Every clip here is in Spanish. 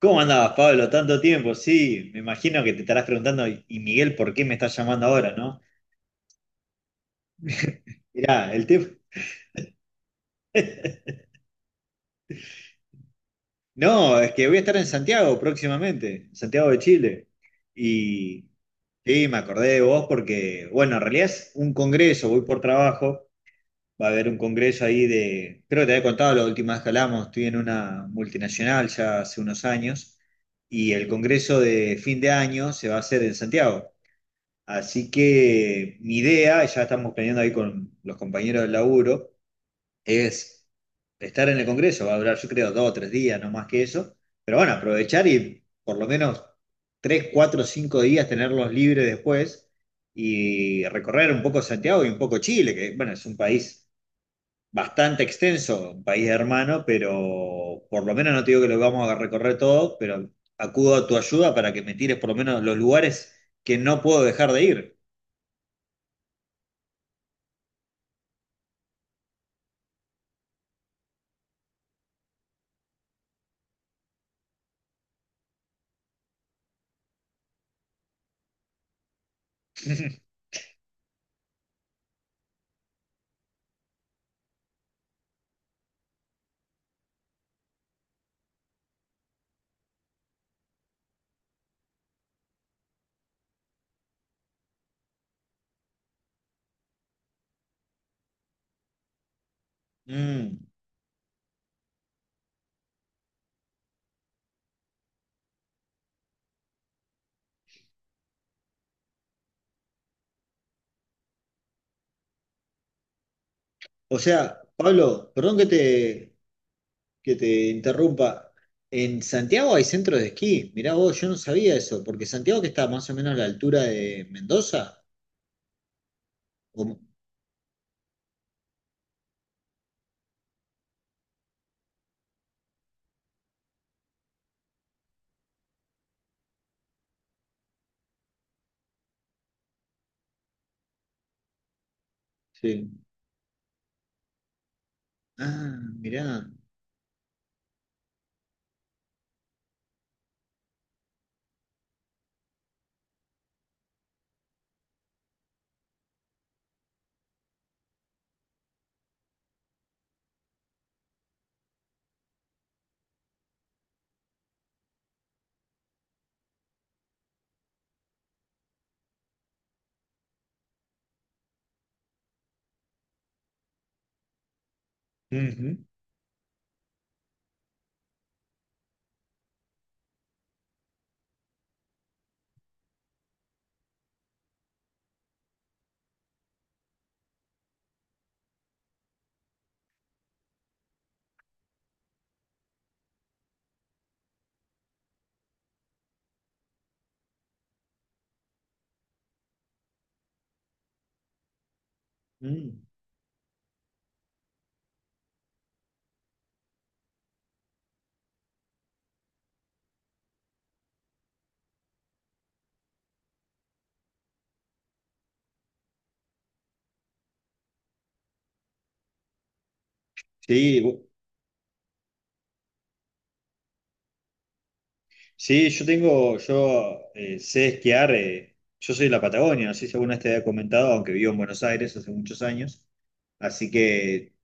¿Cómo andabas, Pablo? Tanto tiempo, sí. Me imagino que te estarás preguntando, y Miguel, ¿por qué me estás llamando ahora, no? Mirá, el tema. No, es que voy a estar en Santiago próximamente, en Santiago de Chile. Y sí, me acordé de vos porque, bueno, en realidad es un congreso, voy por trabajo. Va a haber un congreso ahí de. Creo que te había contado la última vez que hablamos, estoy en una multinacional ya hace unos años. Y el congreso de fin de año se va a hacer en Santiago. Así que mi idea, ya estamos planeando ahí con los compañeros del laburo, es estar en el Congreso, va a durar yo creo 2 o 3 días, no más que eso, pero bueno, aprovechar y por lo menos 3, 4, 5 días tenerlos libres después y recorrer un poco Santiago y un poco Chile, que bueno, es un país bastante extenso, un país hermano, pero por lo menos no te digo que lo vamos a recorrer todo, pero acudo a tu ayuda para que me tires por lo menos los lugares que no puedo dejar de ir. Mm. O sea, Pablo, perdón que te, interrumpa. En Santiago hay centros de esquí. Mirá vos, yo no sabía eso, porque Santiago que está más o menos a la altura de Mendoza. ¿O mo- Sí. Ah, mirá. Ujú. Mm. Sí, sí, yo sé esquiar, yo soy de la Patagonia, no sé si alguna vez te había comentado, aunque vivo en Buenos Aires hace muchos años, así que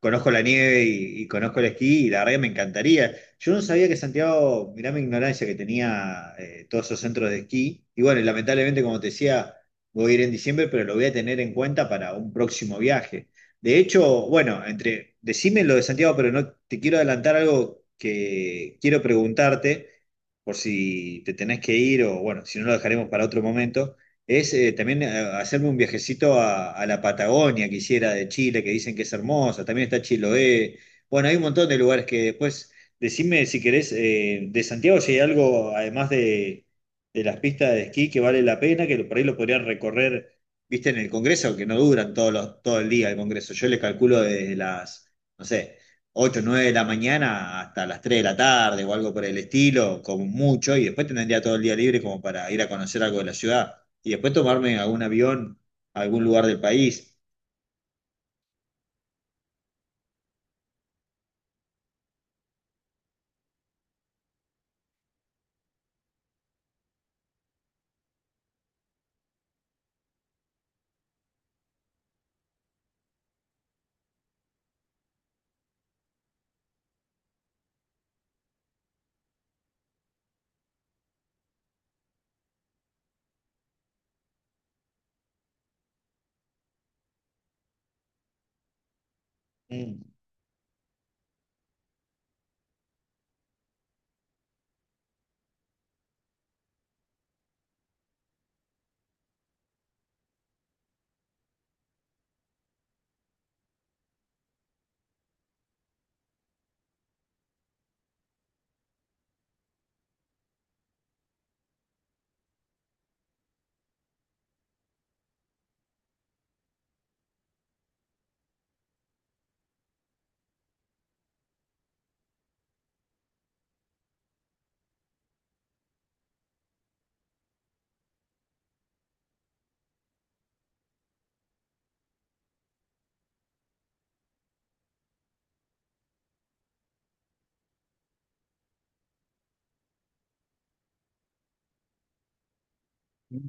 conozco la nieve y conozco el esquí y la verdad que me encantaría. Yo no sabía que Santiago, mirá mi ignorancia, que tenía todos esos centros de esquí, y bueno, y lamentablemente como te decía, voy a ir en diciembre, pero lo voy a tener en cuenta para un próximo viaje. De hecho, bueno, entre, decime lo de Santiago, pero no te quiero adelantar algo que quiero preguntarte por si te tenés que ir o bueno, si no lo dejaremos para otro momento, es también hacerme un viajecito a, la Patagonia, quisiera, de Chile, que dicen que es hermosa, también está Chiloé, bueno, hay un montón de lugares que después, decime si querés, de Santiago si hay algo, además de las pistas de esquí, que vale la pena, que por ahí lo podrían recorrer, viste, en el Congreso, que no duran todos los, todo el día el Congreso, yo le calculo desde las, no sé 8 9 de la mañana hasta las 3 de la tarde o algo por el estilo, como mucho, y después tendría todo el día libre como para ir a conocer algo de la ciudad y después tomarme algún avión a algún lugar del país. Mm, mm,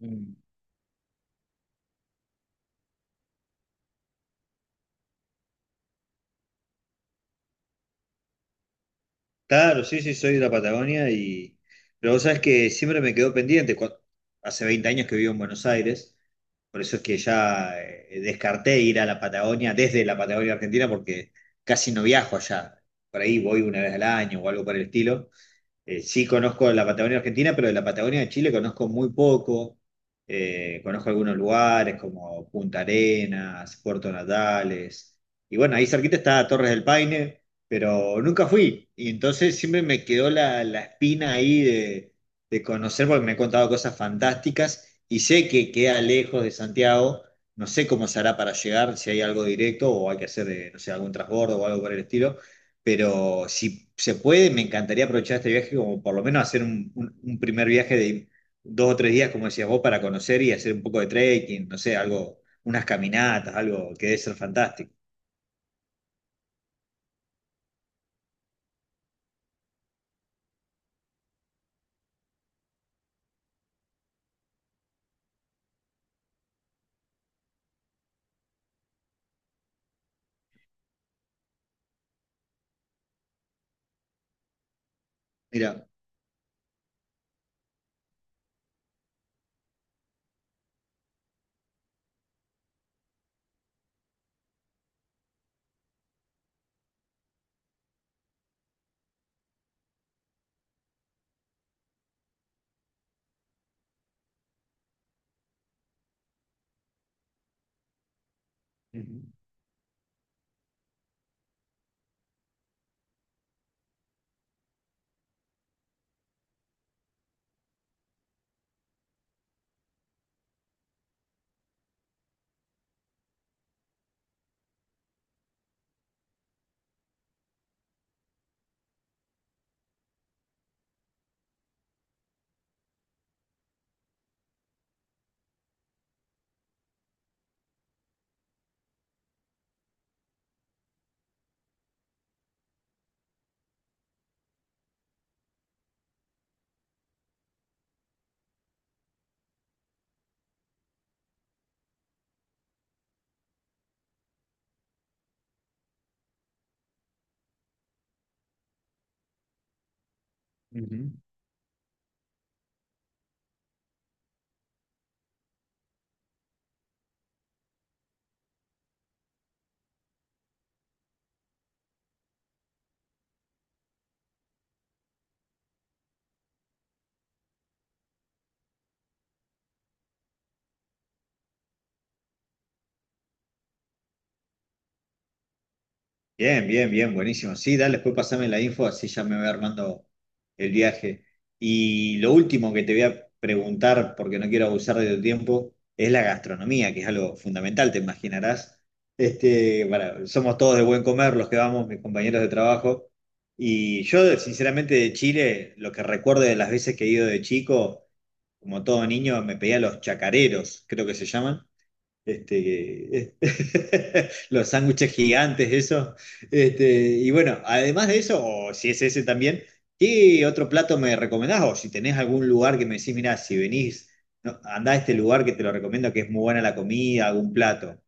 mm. Claro, sí, sí, soy de la Patagonia y... Pero vos sabés que siempre me quedó pendiente. Hace 20 años que vivo en Buenos Aires, por eso es que ya descarté ir a la Patagonia desde la Patagonia Argentina porque casi no viajo allá. Por ahí voy una vez al año o algo por el estilo. Sí conozco la Patagonia Argentina, pero de la Patagonia de Chile conozco muy poco. Conozco algunos lugares como Punta Arenas, Puerto Natales. Y bueno, ahí cerquita está Torres del Paine, pero nunca fui. Y entonces siempre me quedó la espina ahí de conocer porque me han contado cosas fantásticas y sé que queda lejos de Santiago. No sé cómo se hará para llegar, si hay algo directo o hay que hacer, no sé, algún transbordo o algo por el estilo, pero si se puede, me encantaría aprovechar este viaje como por lo menos hacer un, un primer viaje de 2 o 3 días, como decías vos, para conocer y hacer un poco de trekking, no sé, algo, unas caminatas, algo que debe ser fantástico. Mira. Ujú, ujú. Bien, bien, bien, buenísimo. Sí, dale, después pasame la info, así ya me voy armando el viaje. Y lo último que te voy a preguntar, porque no quiero abusar de tu tiempo, es la gastronomía, que es algo fundamental, te imaginarás. Este, somos todos de buen comer los que vamos, mis compañeros de trabajo. Y yo, sinceramente, de Chile, lo que recuerdo de las veces que he ido de chico, como todo niño, me pedía los chacareros, creo que se llaman este, los sándwiches gigantes, eso. Este, y bueno, además de eso, o si es ese también, ¿qué otro plato me recomendás? O si tenés algún lugar que me decís, mira, si venís, no, andá a este lugar que te lo recomiendo, que es muy buena la comida, algún plato.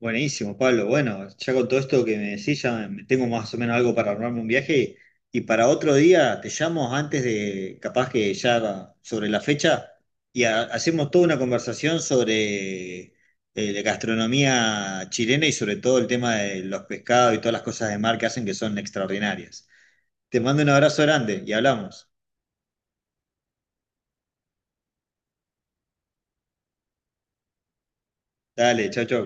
Buenísimo, Pablo. Bueno, ya con todo esto que me decís, ya tengo más o menos algo para armarme un viaje. Y para otro día te llamo antes de, capaz que ya sobre la fecha, y hacemos toda una conversación sobre la gastronomía chilena y sobre todo el tema de los pescados y todas las cosas de mar que hacen que son extraordinarias. Te mando un abrazo grande y hablamos. Dale, chau, chau.